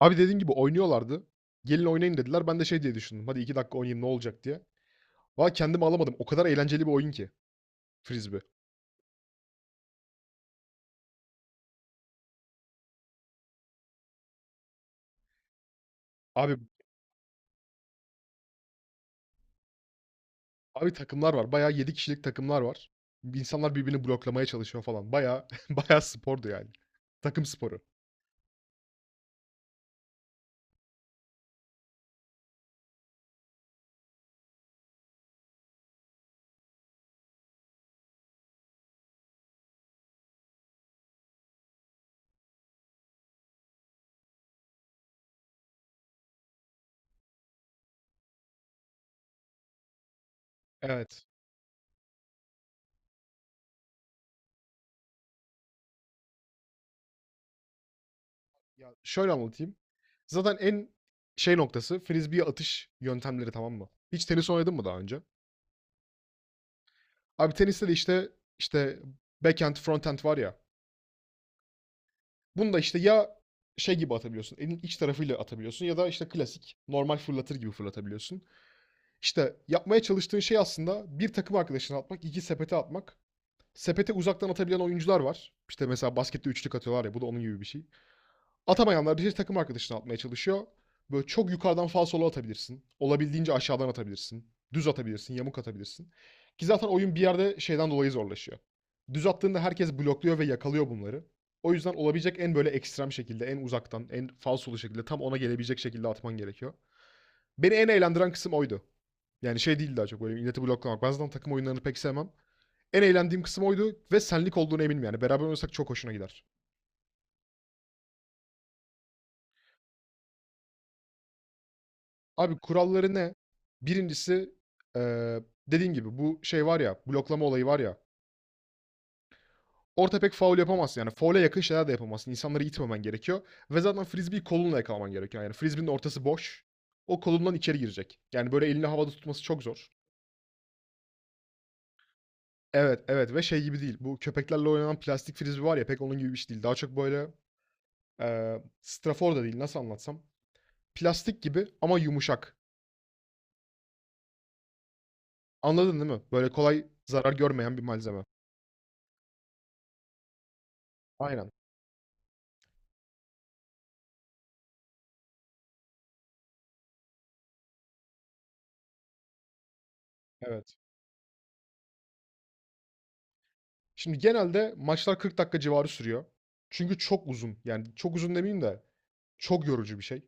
Abi dediğin gibi oynuyorlardı. Gelin oynayın dediler. Ben de şey diye düşündüm. Hadi 2 dakika oynayayım ne olacak diye. Valla kendimi alamadım. O kadar eğlenceli bir oyun ki frisbee. Abi abi takımlar var. Bayağı 7 kişilik takımlar var. İnsanlar birbirini bloklamaya çalışıyor falan. Bayağı bayağı spordu yani. Takım sporu. Evet. Ya şöyle anlatayım. Zaten en şey noktası frisbee atış yöntemleri, tamam mı? Hiç tenis oynadın mı daha önce? Abi teniste de işte backhand, fronthand var ya. Bunu da işte ya şey gibi atabiliyorsun, elin iç tarafıyla atabiliyorsun ya da işte klasik normal fırlatır gibi fırlatabiliyorsun. İşte yapmaya çalıştığın şey aslında bir takım arkadaşına atmak, iki sepete atmak. Sepete uzaktan atabilen oyuncular var. İşte mesela baskette üçlük atıyorlar ya, bu da onun gibi bir şey. Atamayanlar bir şey takım arkadaşını atmaya çalışıyor. Böyle çok yukarıdan falsolu atabilirsin. Olabildiğince aşağıdan atabilirsin. Düz atabilirsin, yamuk atabilirsin. Ki zaten oyun bir yerde şeyden dolayı zorlaşıyor. Düz attığında herkes blokluyor ve yakalıyor bunları. O yüzden olabilecek en böyle ekstrem şekilde, en uzaktan, en falsolu şekilde, tam ona gelebilecek şekilde atman gerekiyor. Beni en eğlendiren kısım oydu. Yani şey değil, daha çok böyle milleti bloklamak. Ben zaten takım oyunlarını pek sevmem. En eğlendiğim kısım oydu ve senlik olduğunu eminim yani. Beraber oynasak çok hoşuna gider. Abi kuralları ne? Birincisi dediğin gibi bu şey var ya, bloklama olayı var ya. Orta pek faul yapamazsın yani. Faule yakın şeyler de yapamazsın. İnsanları itmemen gerekiyor. Ve zaten frisbee'yi kolunla yakalaman gerekiyor. Yani frisbee'nin ortası boş. O kolundan içeri girecek. Yani böyle elini havada tutması çok zor. Evet, evet, ve şey gibi değil. Bu köpeklerle oynanan plastik frisbee var ya, pek onun gibi bir şey değil. Daha çok böyle strafor da değil, nasıl anlatsam. Plastik gibi ama yumuşak. Anladın değil mi? Böyle kolay zarar görmeyen bir malzeme. Aynen. Evet. Şimdi genelde maçlar 40 dakika civarı sürüyor. Çünkü çok uzun. Yani çok uzun demeyeyim de çok yorucu bir şey.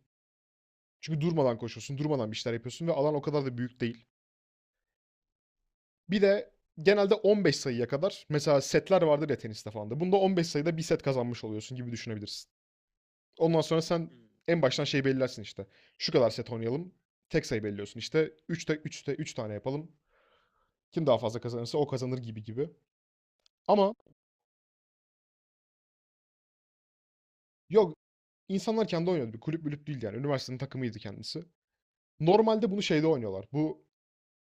Çünkü durmadan koşuyorsun, durmadan bir şeyler yapıyorsun ve alan o kadar da büyük değil. Bir de genelde 15 sayıya kadar mesela setler vardır ya teniste falan da. Bunda 15 sayıda bir set kazanmış oluyorsun gibi düşünebilirsin. Ondan sonra sen en baştan şey belirlersin işte. Şu kadar set oynayalım. Tek sayı belirliyorsun. İşte üçte 3 tane yapalım. Kim daha fazla kazanırsa o kazanır, gibi gibi. Ama yok, insanlar kendi oynuyordu. Bir kulüp mülüp değildi yani. Üniversitenin takımıydı kendisi. Normalde bunu şeyde oynuyorlar. Bu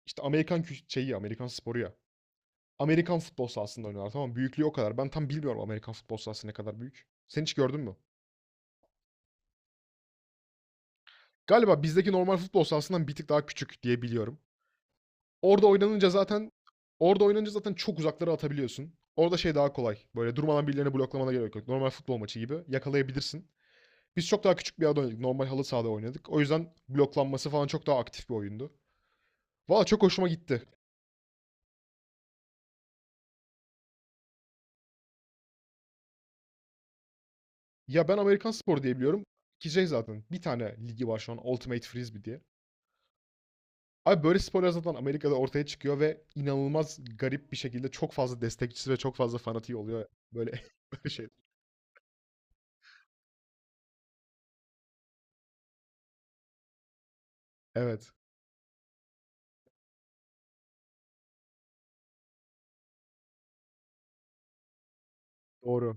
işte Amerikan şeyi, Amerikan sporu ya. Amerikan futbol sahasında oynuyorlar, tamam mı? Büyüklüğü o kadar. Ben tam bilmiyorum Amerikan futbol sahası ne kadar büyük. Sen hiç gördün mü? Galiba bizdeki normal futbol sahasından bir tık daha küçük diye biliyorum. Orada oynanınca zaten Orada oynanınca zaten çok uzaklara atabiliyorsun. Orada şey daha kolay. Böyle durmadan birilerini bloklamana gerek yok. Normal futbol maçı gibi yakalayabilirsin. Biz çok daha küçük bir yerde oynadık. Normal halı sahada oynadık. O yüzden bloklanması falan çok daha aktif bir oyundu. Valla çok hoşuma gitti. Ya ben Amerikan spor diye biliyorum ki şey, zaten bir tane ligi var şu an Ultimate Frisbee diye. Abi böyle sporlar zaten Amerika'da ortaya çıkıyor ve inanılmaz garip bir şekilde çok fazla destekçisi ve çok fazla fanatiği oluyor. Böyle böyle şey. Evet, doğru.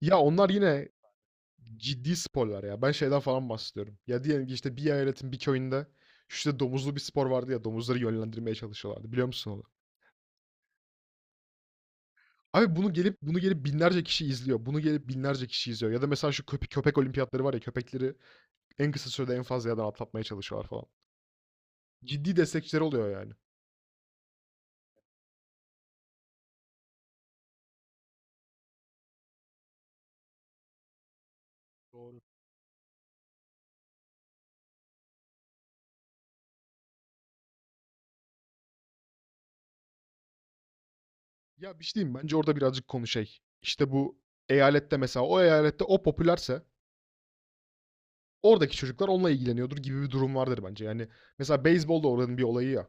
Ya onlar yine ciddi sporlar ya. Ben şeyden falan bahsediyorum. Ya, diyelim ki işte bir eyaletin bir köyünde işte domuzlu bir spor vardı ya, domuzları yönlendirmeye çalışıyorlardı. Biliyor musun onu? Abi bunu gelip binlerce kişi izliyor. Bunu gelip binlerce kişi izliyor. Ya da mesela şu köpek olimpiyatları var ya, köpekleri en kısa sürede en fazla yerden atlatmaya çalışıyorlar falan. Ciddi destekçileri oluyor yani. Doğru. Ya bir şey diyeyim, bence orada birazcık konu şey. İşte bu eyalette mesela, o eyalette o popülerse oradaki çocuklar onunla ilgileniyordur gibi bir durum vardır bence. Yani mesela beyzbol da oranın bir olayı ya.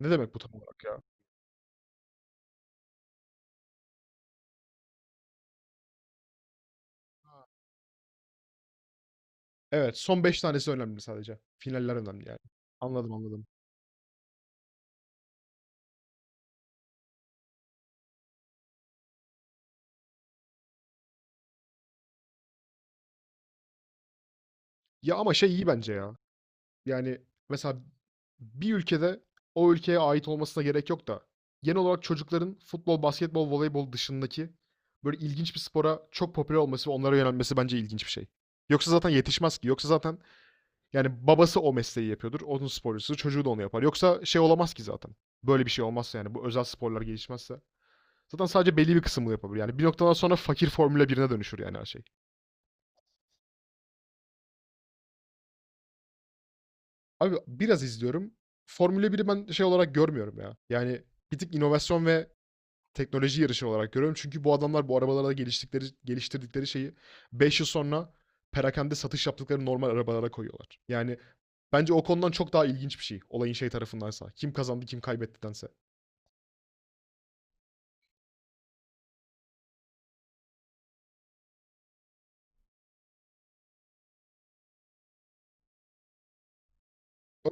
Ne demek bu tam olarak ya? Evet, son 5 tanesi önemli sadece. Finaller önemli yani. Anladım, anladım. Ya ama şey iyi bence ya. Yani mesela bir ülkede o ülkeye ait olmasına gerek yok da genel olarak çocukların futbol, basketbol, voleybol dışındaki böyle ilginç bir spora çok popüler olması ve onlara yönelmesi bence ilginç bir şey. Yoksa zaten yetişmez ki. Yoksa zaten yani babası o mesleği yapıyordur. Onun sporcusu, çocuğu da onu yapar. Yoksa şey olamaz ki zaten. Böyle bir şey olmazsa yani, bu özel sporlar gelişmezse. Zaten sadece belli bir kısmını yapabilir. Yani bir noktadan sonra fakir Formula birine dönüşür yani her şey. Abi biraz izliyorum. Formula biri ben şey olarak görmüyorum ya. Yani bir tık inovasyon ve teknoloji yarışı olarak görüyorum. Çünkü bu adamlar bu arabalarda geliştikleri, geliştirdikleri şeyi 5 yıl sonra perakende satış yaptıkları normal arabalara koyuyorlar. Yani bence o konudan çok daha ilginç bir şey. Olayın şey tarafındansa. Kim kazandı kim kaybettidense.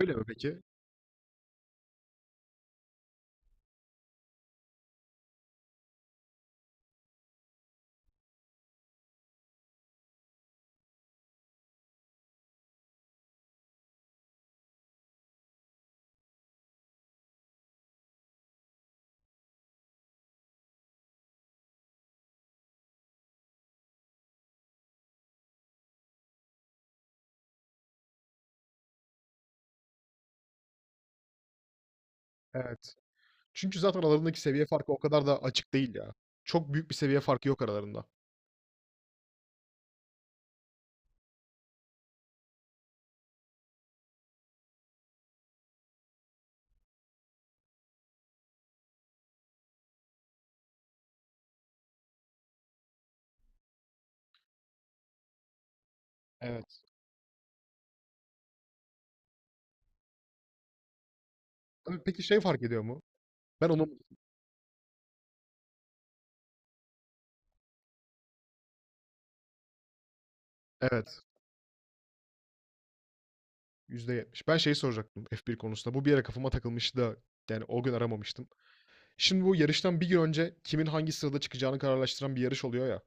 Öyle mi peki? Evet. Çünkü zaten aralarındaki seviye farkı o kadar da açık değil ya. Çok büyük bir seviye farkı yok aralarında. Evet. Ama peki şey fark ediyor mu? Ben onu... Evet. %70. Ben şeyi soracaktım F1 konusunda. Bu bir yere kafama takılmıştı da yani o gün aramamıştım. Şimdi bu yarıştan bir gün önce kimin hangi sırada çıkacağını kararlaştıran bir yarış oluyor ya.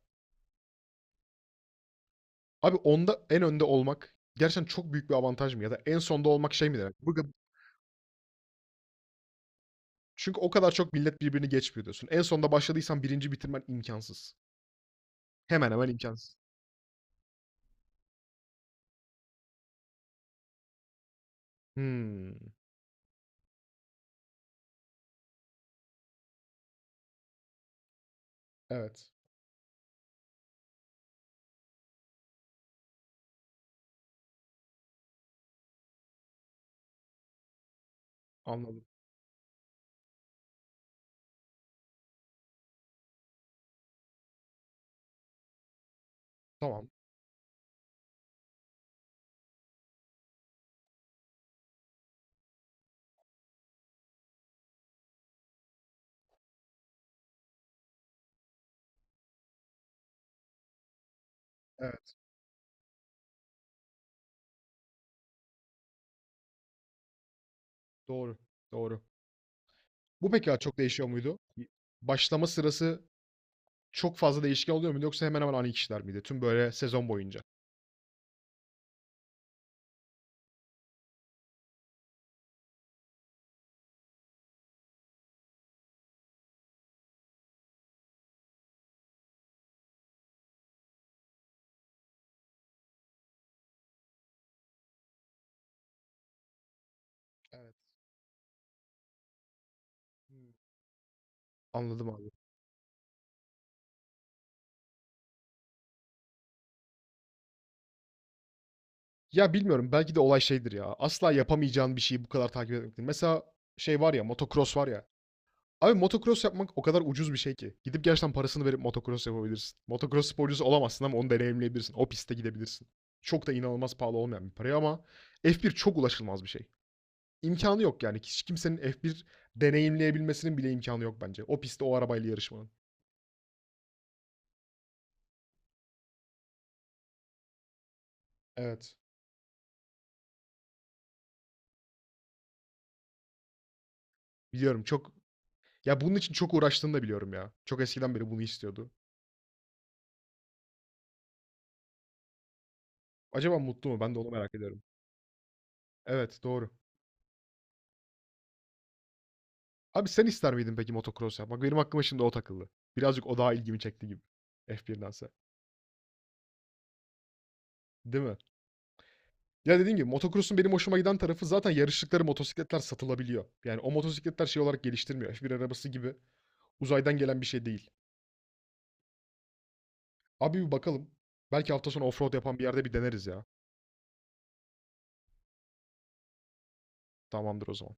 Abi onda en önde olmak gerçekten çok büyük bir avantaj mı? Ya da en sonda olmak şey mi demek? Burada çünkü o kadar çok millet birbirini geçmiyor diyorsun. En sonda başladıysan birinci bitirmen imkansız. Hemen hemen imkansız. Hımm. Evet. Anladım. Tamam. Evet. Doğru. Doğru. Bu peki, çok değişiyor muydu? Başlama sırası çok fazla değişken oluyor muydu yoksa hemen hemen aynı kişiler miydi tüm böyle sezon boyunca? Evet. Hımm. Anladım abi. Ya bilmiyorum, belki de olay şeydir ya. Asla yapamayacağın bir şeyi bu kadar takip etmektir. Mesela şey var ya, motocross var ya. Abi motocross yapmak o kadar ucuz bir şey ki. Gidip gerçekten parasını verip motocross yapabilirsin. Motocross sporcusu olamazsın ama onu deneyimleyebilirsin. O pistte gidebilirsin. Çok da inanılmaz pahalı olmayan bir para ama F1 çok ulaşılmaz bir şey. İmkanı yok yani. Hiç kimsenin F1 deneyimleyebilmesinin bile imkanı yok bence. O pistte o arabayla yarışmanın. Evet. Biliyorum çok... Ya bunun için çok uğraştığını da biliyorum ya. Çok eskiden beri bunu istiyordu. Acaba mutlu mu? Ben de onu merak ediyorum. Evet, doğru. Abi sen ister miydin peki motocross yapmak? Benim aklıma şimdi o takıldı. Birazcık o daha ilgimi çekti gibi. F1'dense. Değil mi? Ya dediğim gibi motocross'un benim hoşuma giden tarafı zaten yarıştıkları motosikletler satılabiliyor. Yani o motosikletler şey olarak geliştirmiyor. F1 arabası gibi uzaydan gelen bir şey değil. Abi bir bakalım. Belki hafta sonu offroad yapan bir yerde bir deneriz ya. Tamamdır o zaman.